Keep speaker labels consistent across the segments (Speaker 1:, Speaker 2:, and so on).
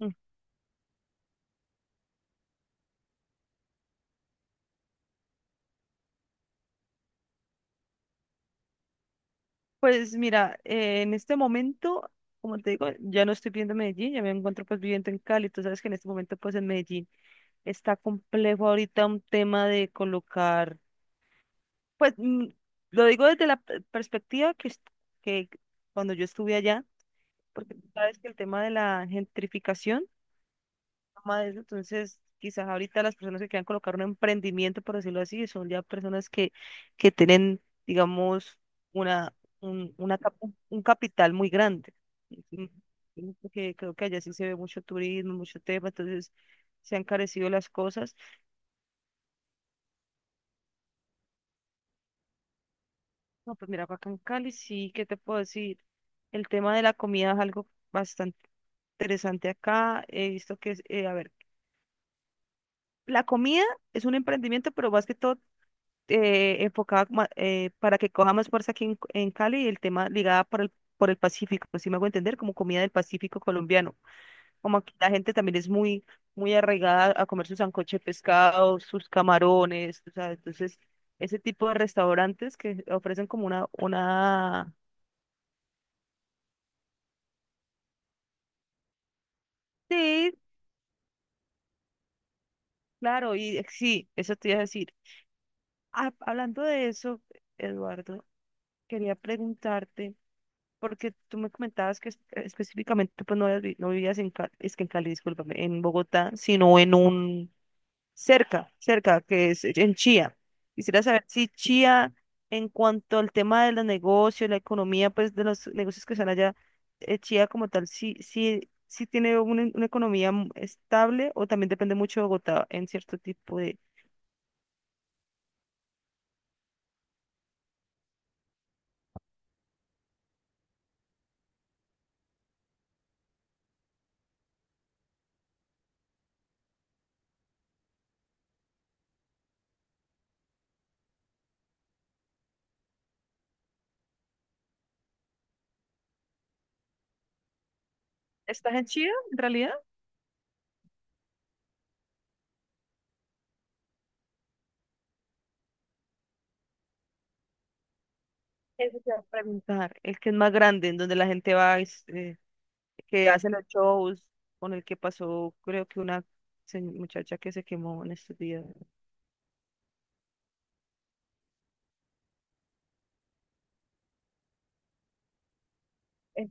Speaker 1: Mm. Pues mira, en este momento, como te digo, ya no estoy viviendo en Medellín, ya me encuentro pues viviendo en Cali. Tú sabes que en este momento pues en Medellín está complejo ahorita un tema de colocar, pues lo digo desde la perspectiva que, que cuando yo estuve allá, porque tú sabes que el tema de la gentrificación más de eso. Entonces, quizás ahorita las personas que quieran colocar un emprendimiento, por decirlo así, son ya personas que tienen, digamos, una, un, una, cap- un capital muy grande. Ujú. Ujú. Porque creo que allá sí se ve mucho turismo, mucho tema, entonces se han carecido las cosas. No, pues mira, acá en Cali sí, ¿qué te puedo decir? El tema de la comida es algo bastante interesante acá. He visto que, es, a ver, la comida es un emprendimiento, pero más que todo enfocada para que coja más fuerza aquí en Cali el tema ligada por el Pacífico, si me hago entender, como comida del Pacífico colombiano. Como aquí la gente también es muy, muy arraigada a comer su sancocho de pescado, sus camarones, o sea, entonces ese tipo de restaurantes que ofrecen como una... Sí, claro, y sí, eso te iba a decir. Ah, hablando de eso, Eduardo, quería preguntarte. Porque tú me comentabas que específicamente pues no, no vivías en Cali, es que en Cali, discúlpame, en Bogotá, sino en un cerca, cerca, que es en Chía. Quisiera saber si Chía, en cuanto al tema de los negocios, la economía, pues de los negocios que están allá, Chía como tal, sí tiene una economía estable, o también depende mucho de Bogotá en cierto tipo de... ¿Estás en Chía, en realidad? Eso te iba a preguntar. El que es más grande, en donde la gente va, que hace los shows, con el que pasó, creo que muchacha que se quemó en estos días. Eh,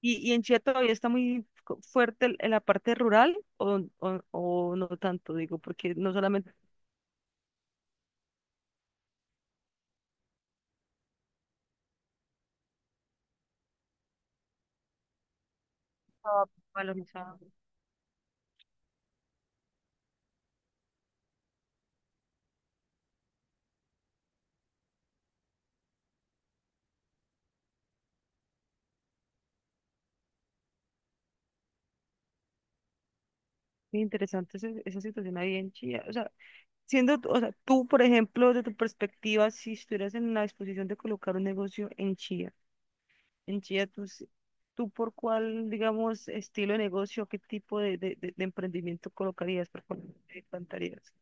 Speaker 1: y en Chía todavía está muy fuerte en la parte rural, o no tanto, digo, porque no solamente estaba valorizado? Muy interesante esa situación ahí en Chía. O sea, siendo, o sea, tú, por ejemplo, de tu perspectiva, si estuvieras en la disposición de colocar un negocio en Chía, entiendo, tú por cuál, digamos, estilo de negocio, qué tipo de, de emprendimiento colocarías, por cuál te plantarías.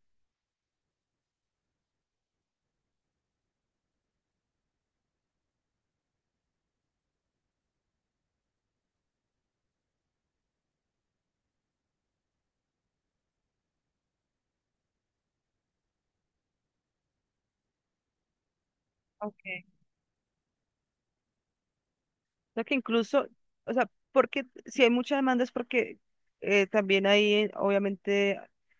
Speaker 1: Okay. Sea que incluso, o sea, porque si hay mucha demanda es porque también hay, obviamente,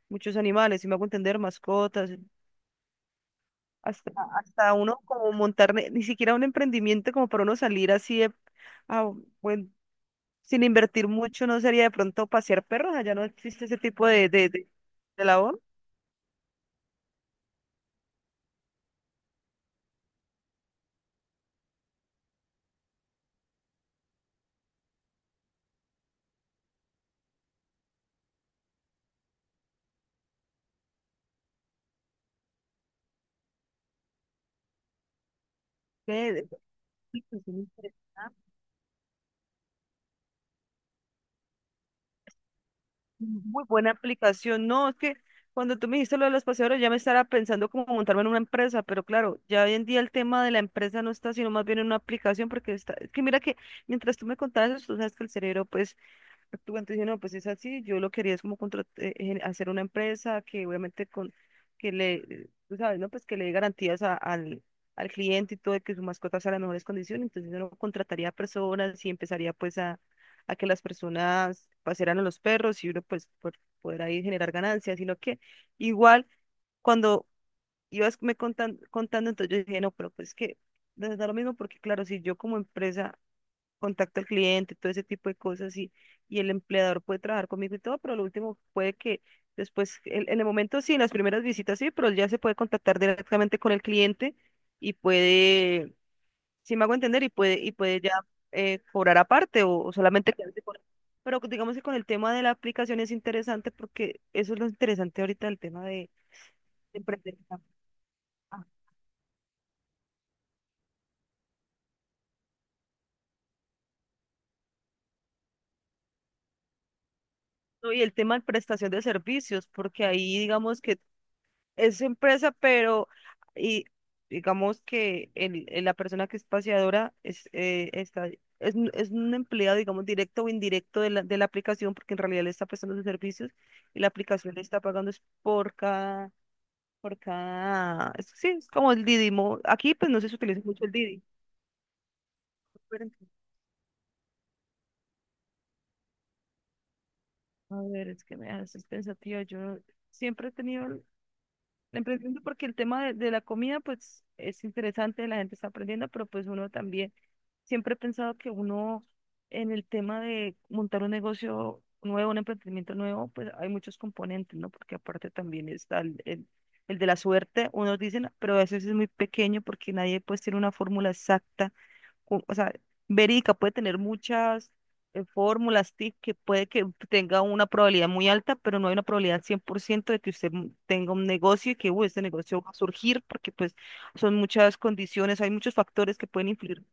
Speaker 1: muchos animales, si me hago entender, mascotas, hasta, hasta uno como montar, ni siquiera un emprendimiento como para uno salir así de, ah, bueno, sin invertir mucho, no sería de pronto pasear perros, ¿allá no existe ese tipo de, de labor? Aplicación interesante. Muy buena aplicación. No, es que cuando tú me dijiste lo de los paseadores, ya me estaba pensando como montarme en una empresa, pero claro, ya hoy en día el tema de la empresa no está, sino más bien en una aplicación, porque está, es que mira que mientras tú me contabas, eso, tú sabes que el cerebro, pues, actualmente dije, no, pues es así, yo lo quería es como hacer una empresa que obviamente con, que le, tú sabes, ¿no? Pues que le dé garantías al, al cliente y todo, de que su mascota sea en las mejores condiciones, entonces uno contrataría personas y empezaría pues a que las personas pasearan a los perros y uno pues por, poder ahí generar ganancias y lo que, igual cuando ibas me contando, entonces yo dije, no, pero pues que, no es lo mismo porque claro, si yo como empresa contacto al cliente, todo ese tipo de cosas y el empleador puede trabajar conmigo y todo, pero lo último puede que después, en el momento sí, en las primeras visitas sí, pero él ya se puede contactar directamente con el cliente y puede, si me hago entender, y puede ya cobrar aparte o solamente quedarse con... Pero digamos que con el tema de la aplicación es interesante porque eso es lo interesante ahorita del tema de emprender. Ah, no. Y el tema de prestación de servicios, porque ahí digamos que es su empresa, pero y digamos que la persona que es paseadora es, está, es, es un empleado, digamos, directo o indirecto de la aplicación, porque en realidad le está prestando sus servicios y la aplicación le está pagando es por cada, sí, es como el Didimo. Aquí pues no se utiliza mucho el Didi. Pero, a ver, es que me haces pensativa. Yo siempre he tenido emprendiendo porque el tema de la comida, pues es interesante, la gente está aprendiendo, pero pues uno también, siempre he pensado que uno en el tema de montar un negocio nuevo, un emprendimiento nuevo, pues hay muchos componentes, ¿no? Porque aparte también está el de la suerte, unos dicen, pero a veces es muy pequeño porque nadie pues tiene una fórmula exacta o sea, verídica, puede tener muchas fórmulas, tips, que puede que tenga una probabilidad muy alta, pero no hay una probabilidad 100% de que usted tenga un negocio y que uy, este negocio va a surgir, porque pues son muchas condiciones, hay muchos factores que pueden influir.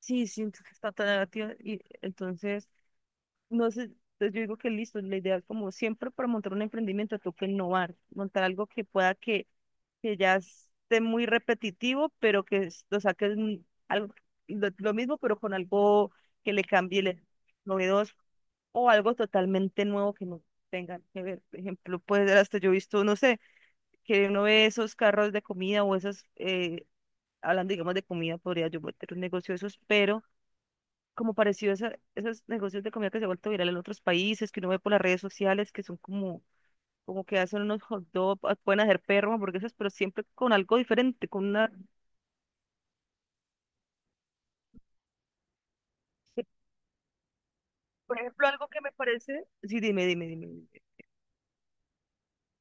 Speaker 1: Sí, sí, entonces está tan negativa y entonces, no sé, entonces yo digo que listo, la idea es como siempre para montar un emprendimiento toca innovar, montar algo que pueda que ya esté muy repetitivo, pero que lo saques algo, lo mismo, pero con algo que le cambie novedoso, o algo totalmente nuevo que no tengan que ver. Por ejemplo, puede ser hasta yo he visto, no sé, que uno ve esos carros de comida o esos, hablando digamos de comida, podría yo meter un negocio de esos, pero como parecido a esos negocios de comida que se ha vuelto viral en otros países, que uno ve por las redes sociales, que son como como que hacen unos hot dogs, pueden hacer perro, hamburguesas, pero siempre con algo diferente, con una sí, por ejemplo, algo que me parece, sí, dime, dime, dime, dime.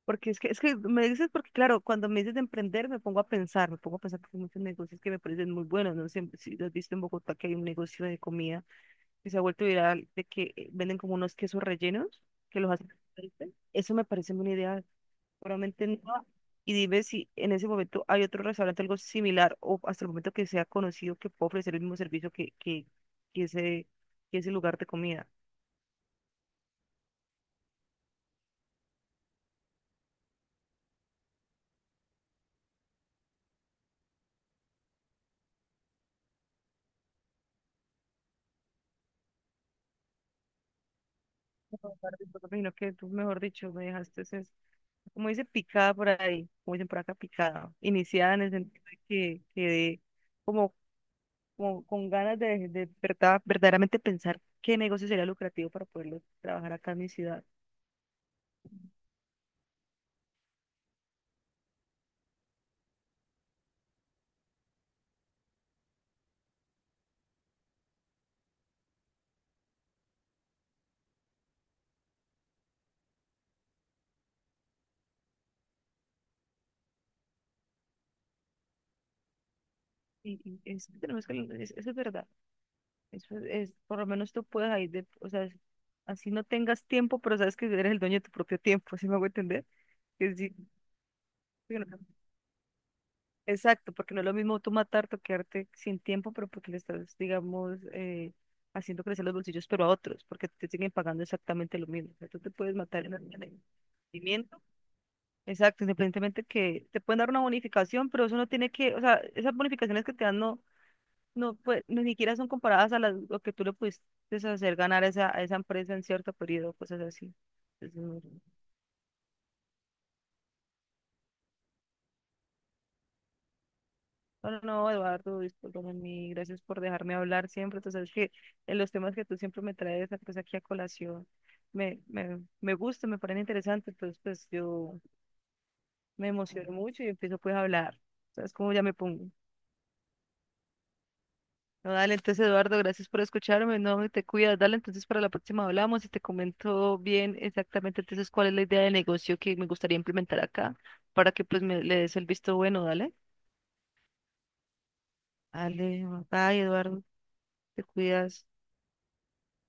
Speaker 1: Porque es que me dices, porque claro, cuando me dices de emprender, me pongo a pensar, me pongo a pensar porque hay muchos negocios que me parecen muy buenos, no sé si lo has visto en Bogotá, que hay un negocio de comida que se ha vuelto viral, de que venden como unos quesos rellenos, que los hacen, frito. Eso me parece una idea, seguramente no, y dime si en ese momento hay otro restaurante, algo similar, o hasta el momento que sea conocido, que pueda ofrecer el mismo servicio que ese, que ese lugar de comida. No, Barbie, me imagino que tú, mejor dicho, me dejaste, como dice, picada por ahí, como dicen por acá, picada, iniciada en el sentido de que quedé como, como con ganas de, verdaderamente pensar qué negocio sería lucrativo para poderlo trabajar acá en mi ciudad. Y es que tenemos que, eso es verdad, eso es, por lo menos tú puedes ahí, de, o sea, así no tengas tiempo, pero sabes que eres el dueño de tu propio tiempo, ¿sí me hago entender? Que sí. Exacto, porque no es lo mismo tú matar, toquearte sin tiempo, pero porque le estás, digamos, haciendo crecer los bolsillos, pero a otros, porque te siguen pagando exactamente lo mismo. O sea, tú te puedes matar en el rendimiento. Exacto, independientemente que te pueden dar una bonificación, pero eso no tiene que, o sea, esas bonificaciones que te dan no, no, pues, ni siquiera son comparadas a las, lo que tú le pudiste hacer ganar a esa empresa en cierto periodo, cosas así. Entonces, no. No, no, no, Eduardo, discúlpame, mi, gracias por dejarme hablar siempre. Tú sabes que en los temas que tú siempre me traes pues, aquí a colación, me gusta, me parece interesante entonces pues yo me emociono mucho y empiezo pues a hablar. ¿Sabes cómo ya me pongo? No, dale, entonces Eduardo, gracias por escucharme, no, te cuidas, dale, entonces para la próxima hablamos y te comento bien exactamente entonces cuál es la idea de negocio que me gustaría implementar acá para que pues me le des el visto bueno, dale. Dale, bye Eduardo, te cuidas.